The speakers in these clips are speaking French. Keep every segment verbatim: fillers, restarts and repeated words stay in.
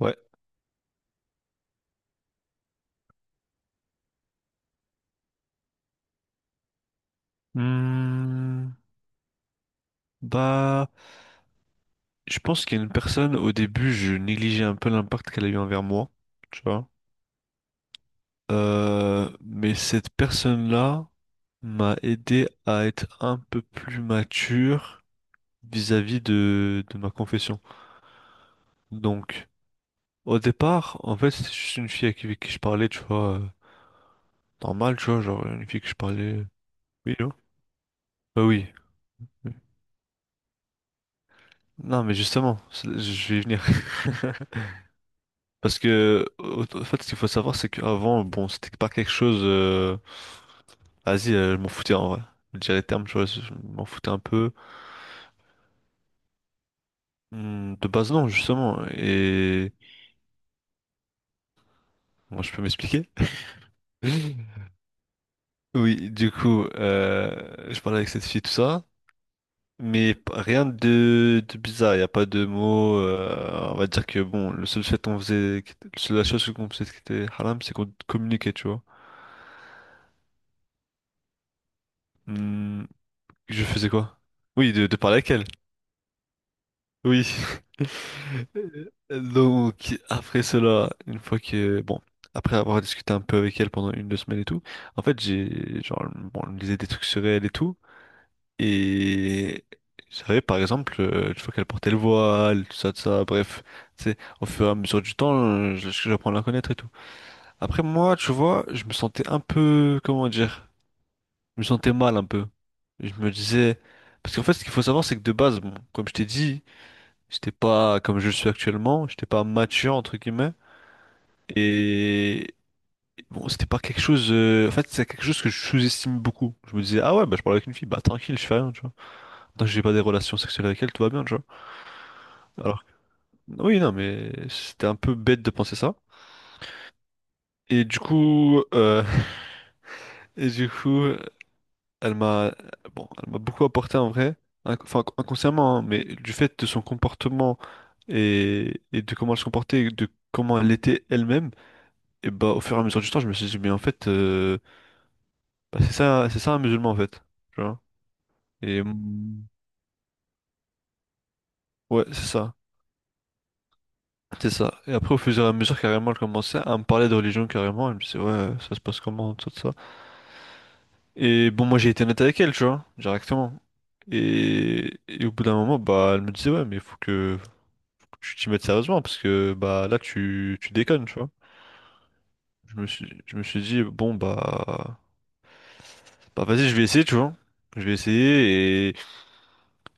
Ouais. Hmm, Bah, je pense qu'il y a une personne, au début, je négligeais un peu l'impact qu'elle a eu envers moi, tu vois. Euh, mais cette personne-là m'a aidé à être un peu plus mature vis-à-vis de, de ma confession. Donc, au départ, en fait, c'était juste une fille avec qui je parlais, tu vois, euh, normal, tu vois, genre une fille que je parlais. Oui, non? Bah oui. Non, mais justement, c'est- je vais y venir. Parce que, au- en fait, ce qu'il faut savoir, c'est qu'avant, bon, c'était pas quelque chose. euh, Vas-y, euh, je m'en foutais en vrai. Je dirais les termes, tu vois, je m'en foutais un peu. Hmm, De base, non, justement. Et. Moi, je peux m'expliquer? Oui, du coup, euh, je parlais avec cette fille, tout ça. Mais p- rien de, de bizarre, il n'y a pas de mots. Euh, on va dire que, bon, le seul fait qu'on faisait, qui était- la seule chose qu'on faisait qui était haram, c'est qu'on communiquait, tu vois. Hmm, je faisais quoi? Oui, de, de parler avec elle. Oui. Donc, après cela, une fois que, bon, après avoir discuté un peu avec elle pendant une, deux semaines et tout, en fait, j'ai, genre, bon, on lisait des trucs sur elle et tout, et je savais, par exemple, euh, une fois qu'elle portait le voile, tout ça, tout ça, bref, tu sais, au fur et à mesure du temps, euh, je- j'apprends à la connaître et tout. Après, moi, tu vois, je me sentais un peu, comment dire, je me sentais mal un peu. Je me disais, parce qu'en fait, ce qu'il faut savoir, c'est que de base, bon, comme je t'ai dit, j'étais pas comme je le suis actuellement, j'étais pas mature entre guillemets. Et bon, c'était pas quelque chose. euh, En fait, c'est quelque chose que je sous-estime beaucoup. Je me disais, ah ouais, bah je parle avec une fille, bah tranquille, je fais rien, tu vois. Tant que j'ai pas des relations sexuelles avec elle, tout va bien, tu vois. Alors, oui, non, mais c'était un peu bête de penser ça. Et du coup, euh, et du coup, elle m'a, bon, elle m'a beaucoup apporté en vrai, inc- enfin inconsciemment, hein, mais du fait de son comportement et, et de comment elle se comportait, et de comment elle était elle-même. Et bah, au fur et à mesure du temps, je me suis dit, mais en fait, euh, bah, c'est ça, c'est ça un musulman, en fait. Tu vois? Et mm, ouais, c'est ça. C'est ça. Et après, au fur et à mesure, carrément, elle commençait à me parler de religion, carrément. Elle me disait, ouais, ça se passe comment, tout ça. Et bon, moi, j'ai été net avec elle, tu vois, directement. Et, et au bout d'un moment, bah, elle me disait, ouais, mais faut que, faut que tu t'y mettes sérieusement, parce que, bah, là, tu, tu déconnes, tu vois. Je me suis, je me suis dit, bon, bah, bah, vas-y, je vais essayer, tu vois. Je vais essayer.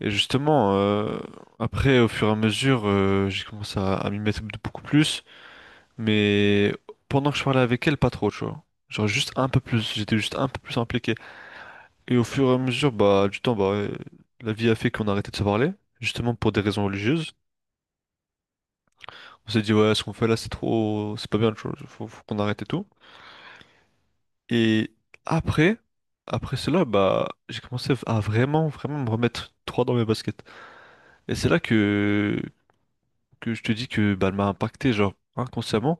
Et justement, euh, après, au fur et à mesure, euh, j'ai commencé à, à m'y mettre beaucoup plus, mais pendant que je parlais avec elle, pas trop, tu vois. Genre juste un peu plus, j'étais juste un peu plus impliqué. Et au fur et à mesure, bah, du temps, bah, euh, la vie a fait qu'on a arrêté de se parler, justement pour des raisons religieuses. On s'est dit, ouais, ce qu'on fait là, c'est trop, c'est pas bien, tu vois, faut, faut qu'on arrête et tout. Et après, après cela, bah, j'ai commencé à vraiment, vraiment me remettre trois dans mes baskets. Et c'est là que que je te dis que bah, elle m'a impacté, genre, inconsciemment,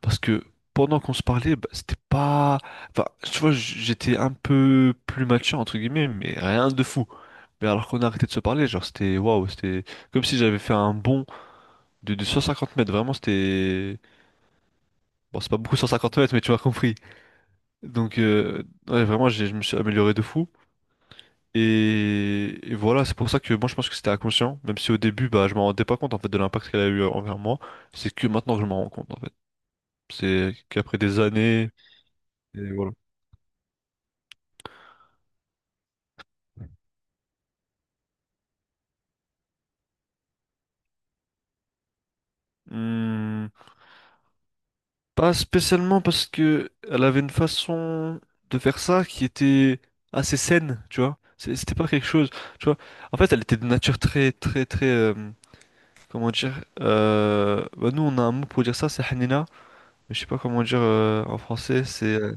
parce que pendant qu'on se parlait, bah, c'était pas. Enfin, tu vois, j- j'étais un peu plus mature, entre guillemets, mais rien de fou. Mais alors qu'on a arrêté de se parler, genre, c'était. Waouh, c'était comme si j'avais fait un bond de, de cent cinquante mètres, vraiment, c'était. Bon, c'est pas beaucoup cent cinquante mètres, mais tu m'as compris. Donc, euh, ouais, vraiment, j'ai- je me suis amélioré de fou. Et, et voilà, c'est pour ça que moi je pense que c'était inconscient, même si au début bah, je m'en rendais pas compte en fait de l'impact qu'elle a eu envers moi, c'est que maintenant que je m'en rends compte en fait. C'est qu'après des années, et voilà. Hmm, Pas spécialement parce que elle avait une façon de faire ça qui était assez saine, tu vois. C'est- C'était pas quelque chose, tu vois. En fait, elle était de nature très, très, très, euh, comment dire. Euh, bah nous, on a un mot pour dire ça, c'est Hanina. Mais je sais pas comment dire euh, en français. C'est, euh,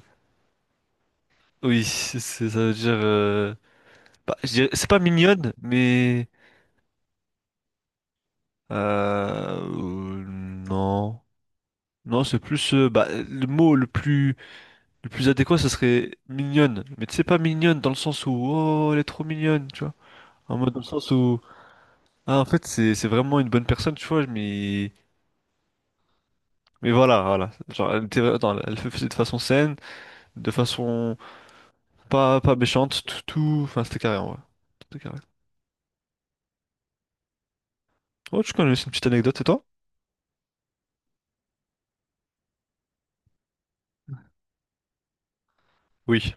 oui, c'est, c'est- ça veut dire. Euh, bah, je dirais- c'est pas mignonne, mais euh, euh, non, non, c'est plus euh, bah, le mot le plus le plus adéquat, ce serait mignonne. Mais tu sais, pas mignonne dans le sens où, oh, elle est trop mignonne, tu vois. En mode dans le sens où, ah, en fait, c'est, c'est vraiment une bonne personne, tu vois, mais, mais voilà, voilà. Genre, elle était, attends, elle le faisait de façon saine, de façon pas, pas méchante, tout, tout, enfin, c'était carré, en vrai. C'était carré. Oh, tu connais une petite anecdote, et toi? Oui.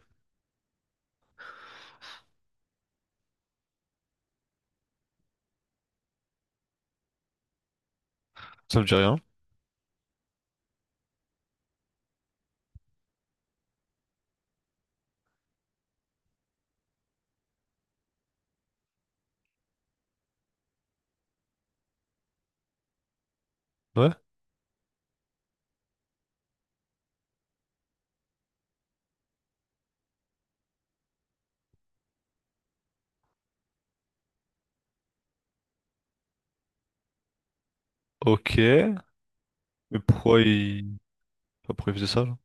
Ça me dit rien. Ouais. Ok. Mais pourquoi il, pourquoi il faisait ça, genre.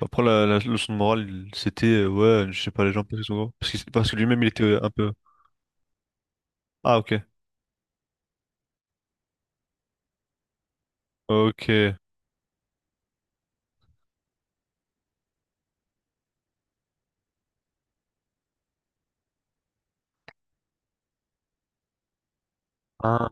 Après, la, la leçon de morale, il- c'était, euh, ouais, je sais pas, les gens, parce qu'ils sont gros. Parce qu'il- parce que lui-même, il était euh, un peu, ah, ok. Ok. Ah,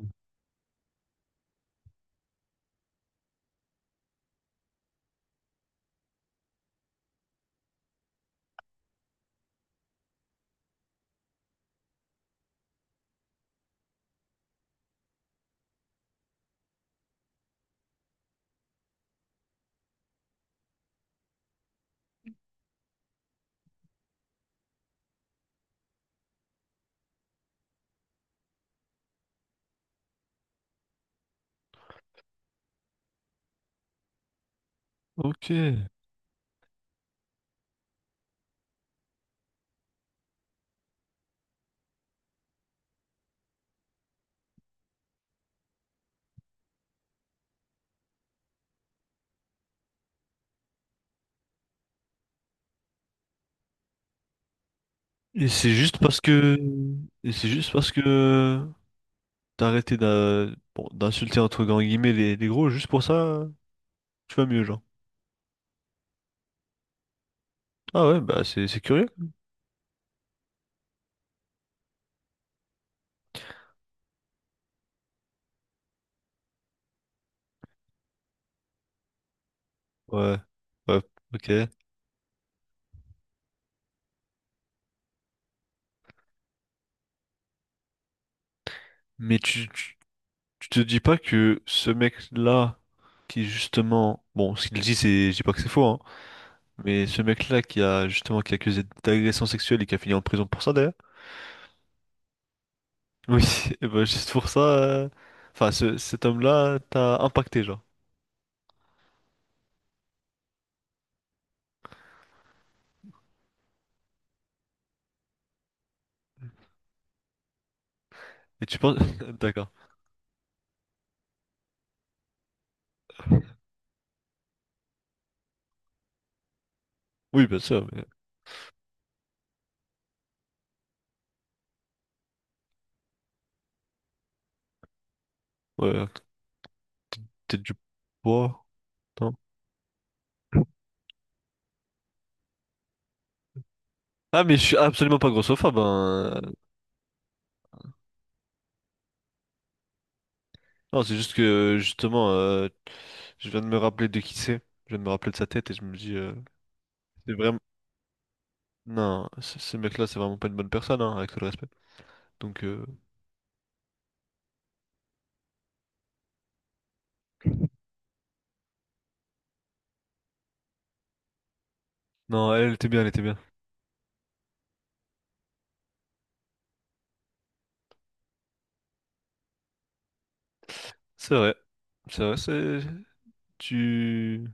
ok. Et c'est juste parce que... Et c'est juste parce que. T'as arrêté d'a- bon, d'insulter entre grands guillemets les, les gros, juste pour ça, tu vas mieux, genre. Ah ouais, bah c'est c'est curieux. Ouais. Ouais, ok. Mais tu, tu, tu te dis pas que ce mec-là, qui justement. Bon, ce qu'il dit, c'est. Je dis pas que c'est faux, hein. Mais ce mec-là qui a justement qui est accusé d'agression sexuelle et qui a fini en prison pour ça, d'ailleurs. Oui, et ben juste pour ça, euh, enfin ce- cet homme-là t'a impacté genre. Et tu penses, d'accord. Oui, bien sûr, mais ouais, peut-être du poids. Non. Ah mais je suis absolument pas grossophobe, hein. Non, c'est juste que justement, euh, je viens de me rappeler de qui c'est. Je viens de me rappeler de sa tête et je me dis, euh, c'est vraiment, non, ce ce mec-là, c'est vraiment pas une bonne personne, hein, avec tout le respect. Donc euh, non, elle elle était bien, elle était bien. C'est vrai, c'est vrai, c'est tu,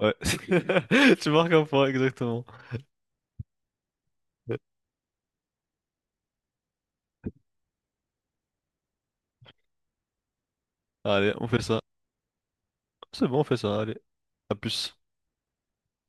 ouais, tu marques un point exactement. Allez, on fait ça. C'est bon, on fait ça. Allez, à plus.